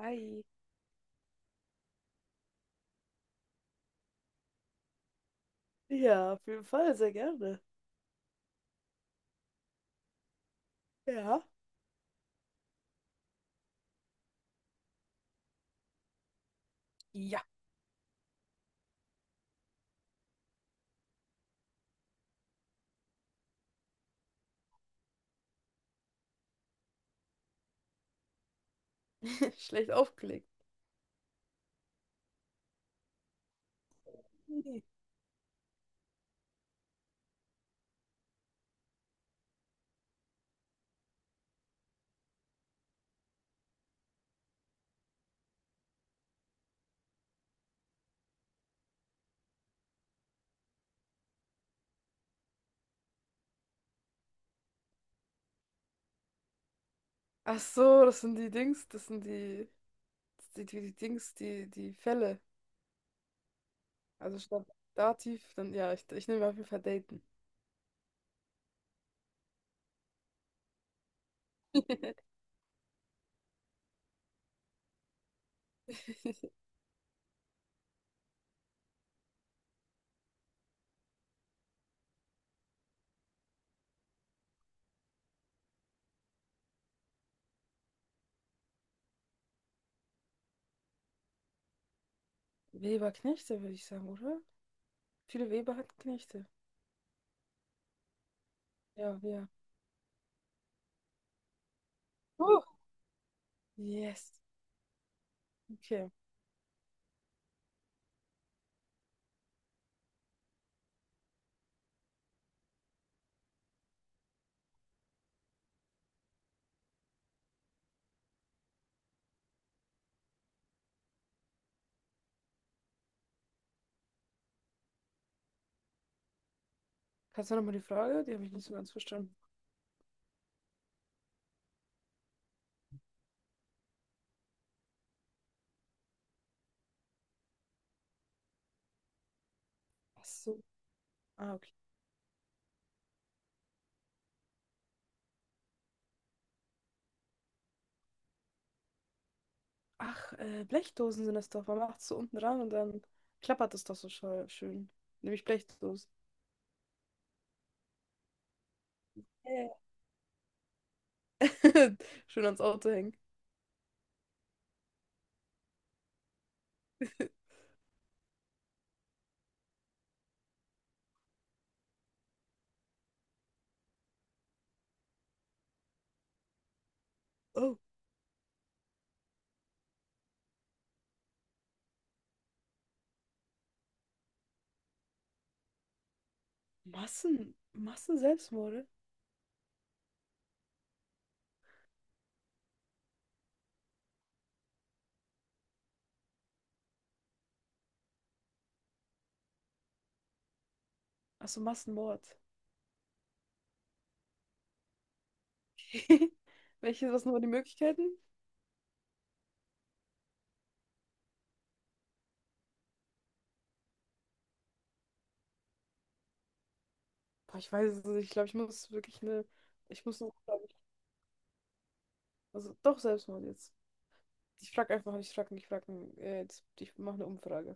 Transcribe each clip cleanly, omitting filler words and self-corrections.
Hi. Ja, auf jeden Fall, sehr gerne. Ja. Ja. Schlecht aufgelegt. Mhm. Ach so, das sind die Dings, das sind die, das sind die Dings, die Fälle. Also statt Dativ, dann ja, ich nehme auf jeden Fall Daten. Weber-Knechte, würde ich sagen, oder? Viele Weber hatten Knechte. Ja, ja. Oh, yes. Okay. Kannst du nochmal die Frage? Die habe ich nicht so ganz verstanden. Ach so. Ah, okay. Ach, Blechdosen sind das doch. Man macht es so unten dran und dann klappert es doch so schön. Nämlich Blechdosen. Äh, Schön ans Auto hängen. Oh, Massenselbstmorde? Achso, Massenmord. Welche, was sind aber die Möglichkeiten? Boah, ich weiß es nicht. Ich glaube, ich muss wirklich eine. Ich muss eine. Umfrage. Also, doch Selbstmord jetzt. Ich frage einfach nicht, ich frage nicht, ich frage. Ich mache eine Umfrage.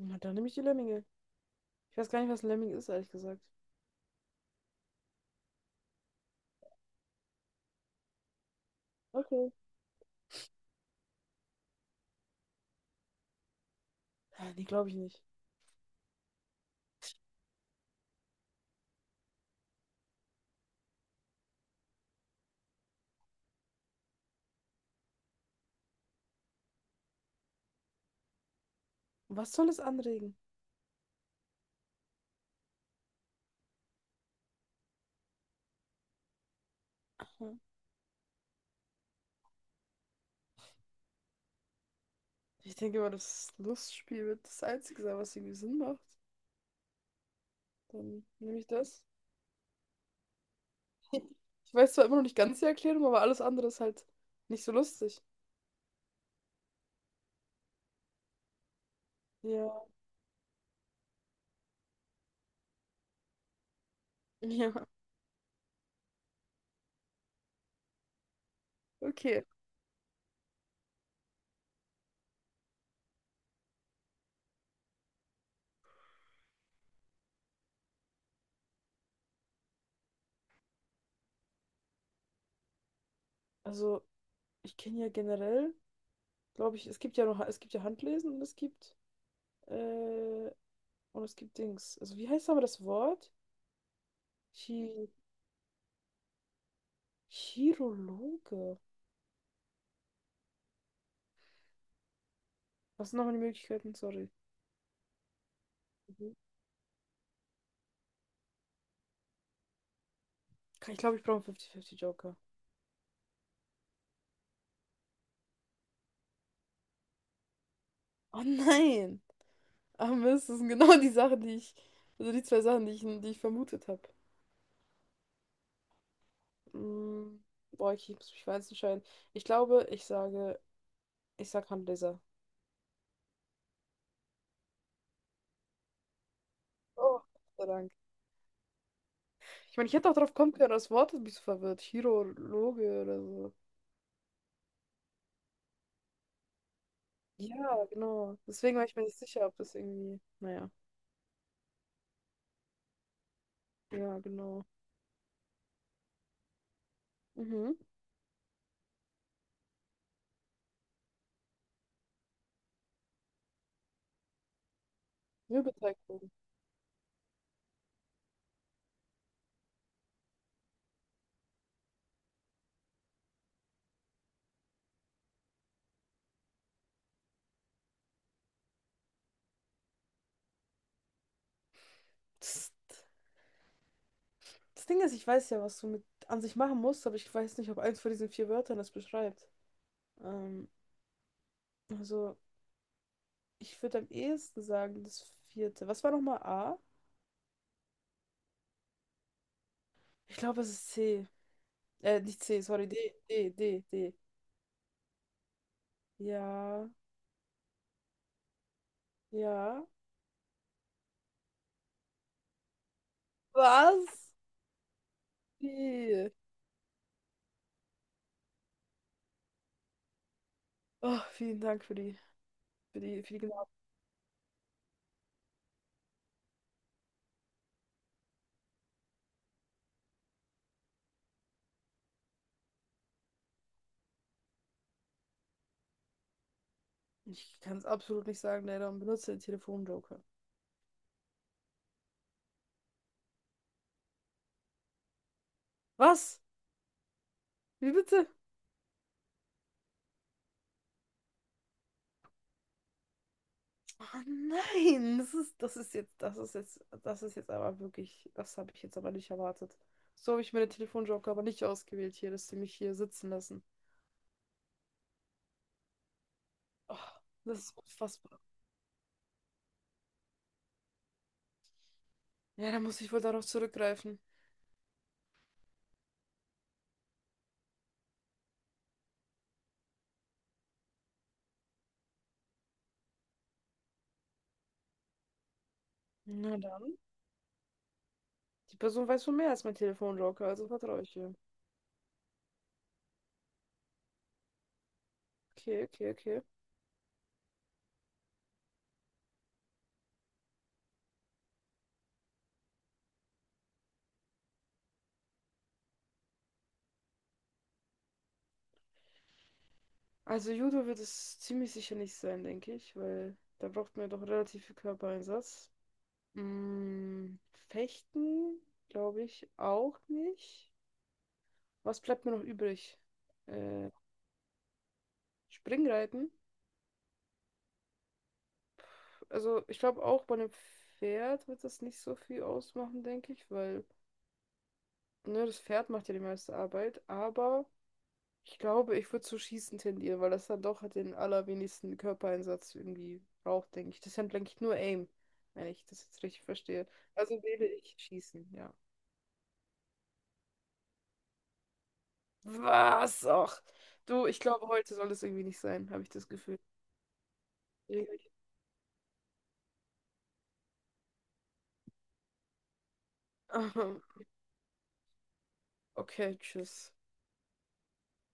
Na, dann nehme ich die Lemminge. Ich weiß gar nicht, was ein Lemming ist, ehrlich gesagt. Okay. Ah, nee, glaube ich nicht. Und was soll es anregen? Hm. Ich denke mal, das Lustspiel wird das Einzige sein, was irgendwie Sinn macht. Dann nehme ich das. Ich weiß zwar immer noch nicht ganz die Erklärung, aber alles andere ist halt nicht so lustig. Ja, ja, okay. Also, ich kenne ja generell, glaube ich, es gibt ja noch, es gibt ja Handlesen äh, und es gibt Dings. Also, wie heißt aber das Wort? Chi Chirologe. Was sind nochmal die Möglichkeiten? Sorry. Mhm. Ich glaube, ich brauche einen fünfzig 50 Joker. Oh nein! Ah, Mist, das sind genau die Sachen, also die zwei Sachen, die ich vermutet habe. Mm, boah, ich muss mich für eins entscheiden. Ich glaube, ich sage, Ich sag Handleser. Oh, Gott sei Dank. Ich meine, ich hätte auch drauf kommen können, aber das Wort hat mich so verwirrt. Chirologe oder so. Ja, genau. Deswegen war ich mir nicht sicher, ob das irgendwie. Naja. Ja, genau. Mhm. Mürbeteigbogen. Das, das Ding ist, ich weiß ja, was du mit an sich machen musst, aber ich weiß nicht, ob eins von diesen vier Wörtern das beschreibt. Ähm, also. Ich würde am ehesten sagen, das vierte. Was war nochmal A? Ich glaube, es ist C. Nicht C, sorry, D. Ja, ja. Was? D. Oh, vielen Dank für für die genaue. Ich kann es absolut nicht sagen, leider, und benutze den Telefonjoker. Was? Wie bitte? Oh nein, das ist jetzt aber wirklich, das habe ich jetzt aber nicht erwartet. So habe ich mir den Telefonjoker aber nicht ausgewählt hier, dass sie mich hier sitzen lassen. Oh, das ist unfassbar. Ja, da muss ich wohl darauf zurückgreifen. Na dann. Die Person weiß wohl mehr als mein Telefonjoker, also vertraue ich ihr. Okay, okay, okay. Also Judo wird es ziemlich sicher nicht sein, denke ich, weil da braucht man ja doch relativ viel Körpereinsatz. Mm, Fechten, glaube ich, auch nicht. Was bleibt mir noch übrig? Äh, Springreiten. Also ich glaube auch bei einem Pferd wird das nicht so viel ausmachen, denke ich, weil ne, das Pferd macht ja die meiste Arbeit, aber. Ich glaube, ich würde zu Schießen tendieren, weil das dann doch den allerwenigsten Körpereinsatz irgendwie braucht, denke ich. Das ist dann, denke ich, nur Aim, wenn ich das jetzt richtig verstehe. Also wähle ich Schießen, ja. Was? Och. Du, ich glaube, heute soll das irgendwie nicht sein, habe ich das Gefühl. Irgendwie. Okay, tschüss.